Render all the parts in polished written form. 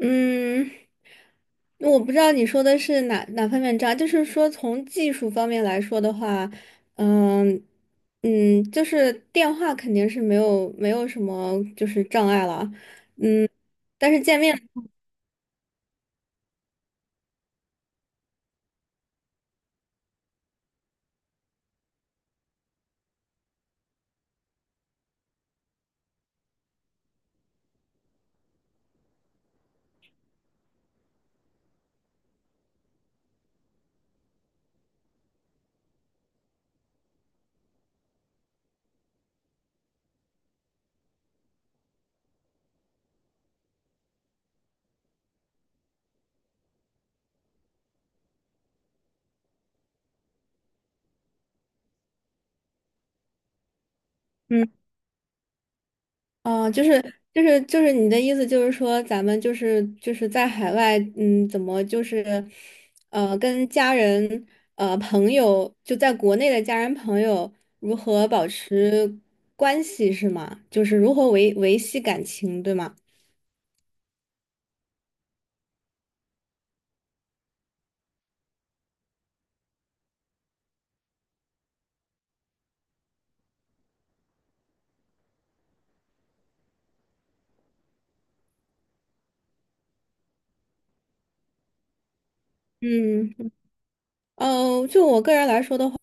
嗯，我不知道你说的是哪方面渣，就是说从技术方面来说的话，嗯就是电话肯定是没有什么就是障碍了，但是见面。嗯。哦，就是你的意思就是说，咱们就是在海外，怎么就是，跟家人、朋友，就在国内的家人朋友如何保持关系是吗？就是如何维系感情，对吗？嗯。哦，就我个人来说的话，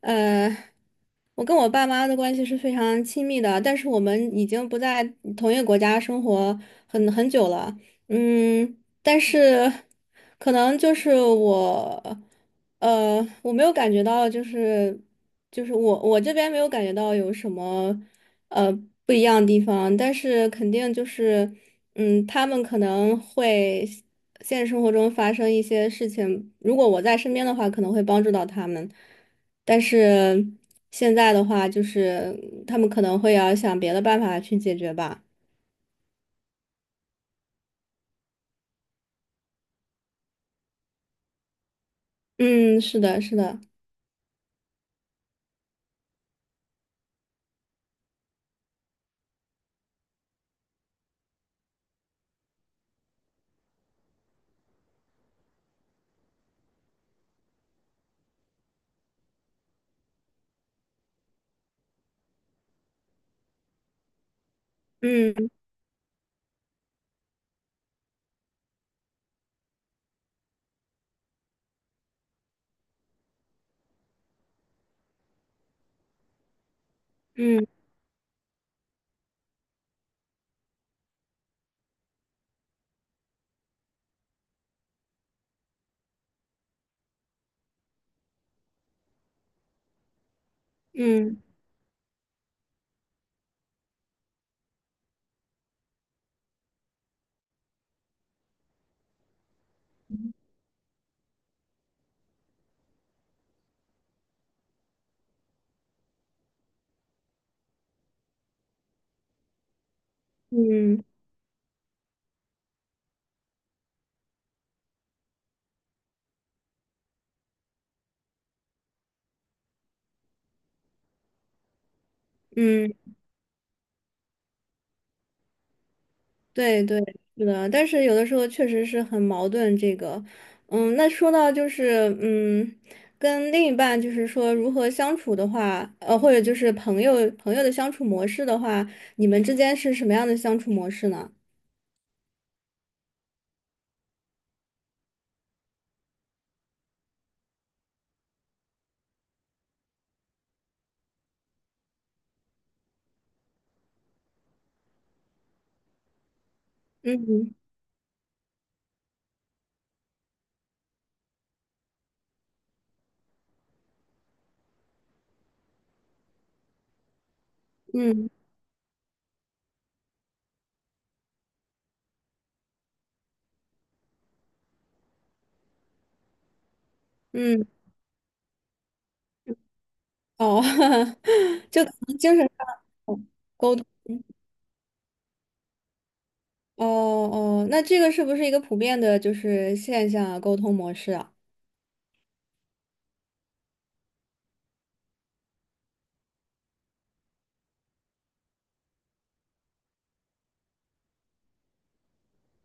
呃，我跟我爸妈的关系是非常亲密的，但是我们已经不在同一个国家生活很久了。但是可能就是我，我没有感觉到，就是我这边没有感觉到有什么呃不一样的地方，但是肯定就是，他们可能会现实生活中发生一些事情，如果我在身边的话，可能会帮助到他们，但是现在的话，就是他们可能会要想别的办法去解决吧。嗯，是的，是的，嗯嗯嗯嗯嗯。对对，是的，但是有的时候确实是很矛盾。这个，那说到就是，跟另一半就是说如何相处的话，或者就是朋友的相处模式的话，你们之间是什么样的相处模式呢？嗯嗯嗯，哦，就可能精神上沟通。哦哦，那这个是不是一个普遍的就是现象啊沟通模式啊？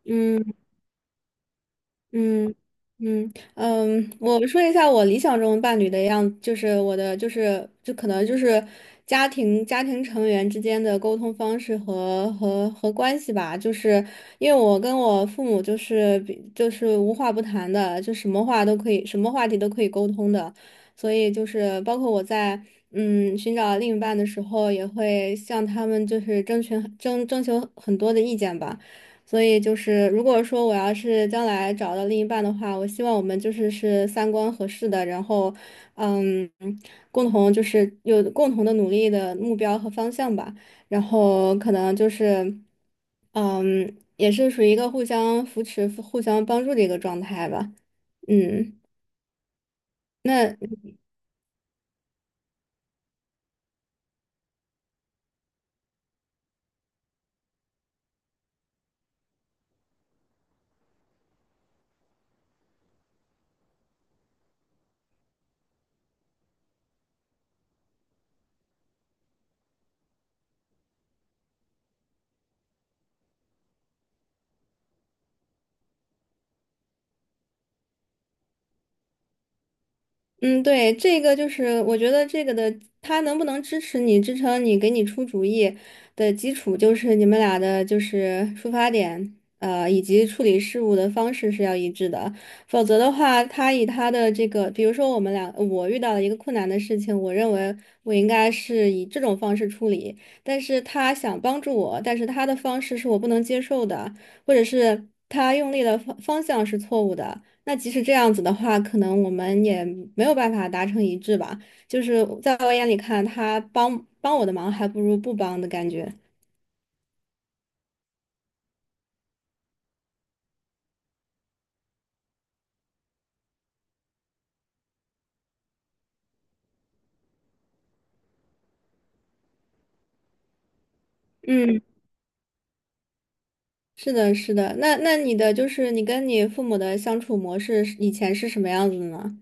嗯。嗯我说一下我理想中伴侣的样，就是我的就是就可能就是家庭成员之间的沟通方式和关系吧，就是因为我跟我父母就是比就是无话不谈的，就什么话都可以，什么话题都可以沟通的，所以就是包括我在寻找另一半的时候，也会向他们就是征询征征求很多的意见吧。所以就是，如果说我要是将来找到另一半的话，我希望我们就是是三观合适的，然后，嗯，共同就是有共同的努力的目标和方向吧，然后可能就是，也是属于一个互相扶持、互相帮助的一个状态吧，嗯。那嗯，对，这个就是我觉得这个的，他能不能支持你、支撑你、给你出主意的基础，就是你们俩的就是出发点，以及处理事务的方式是要一致的。否则的话，他以他的这个，比如说我们俩，我遇到了一个困难的事情，我认为我应该是以这种方式处理，但是他想帮助我，但是他的方式是我不能接受的，或者是他用力的方向是错误的。那即使这样子的话，可能我们也没有办法达成一致吧。就是在我眼里看，他帮我的忙，还不如不帮的感觉。嗯，是的，是的。那你的就是你跟你父母的相处模式是以前是什么样子的呢？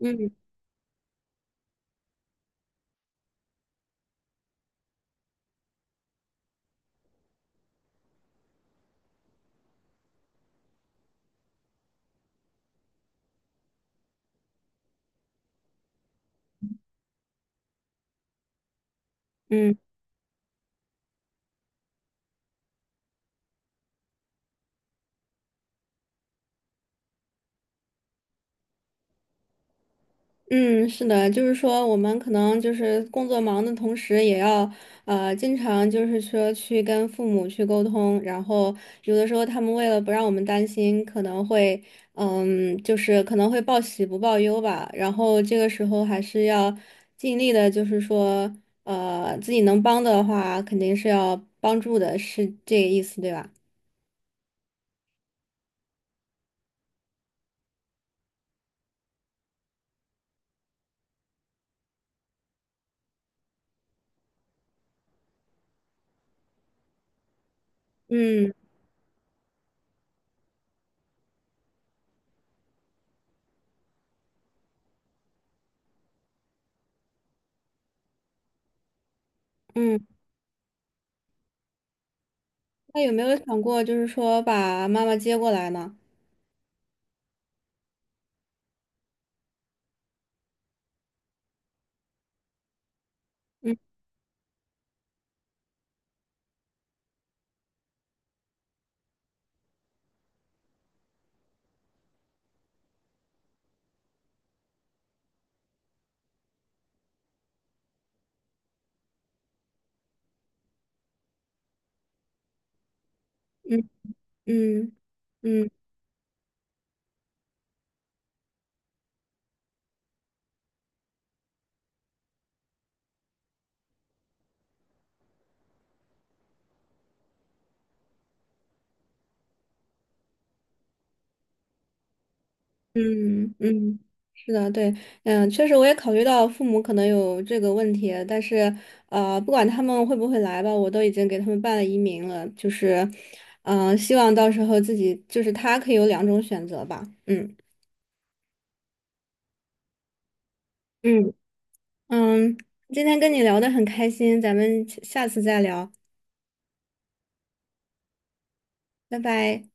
嗯嗯。嗯，是的，就是说我们可能就是工作忙的同时，也要经常就是说去跟父母去沟通，然后有的时候他们为了不让我们担心，可能会报喜不报忧吧，然后这个时候还是要尽力的，就是说自己能帮的话，肯定是要帮助的，是这个意思对吧？嗯嗯，那有没有想过就是说把妈妈接过来呢？嗯嗯嗯。嗯嗯嗯，是的，对，确实我也考虑到父母可能有这个问题，但是不管他们会不会来吧，我都已经给他们办了移民了，就是，希望到时候自己就是他可以有两种选择吧，嗯嗯，今天跟你聊得很开心，咱们下次再聊，拜拜。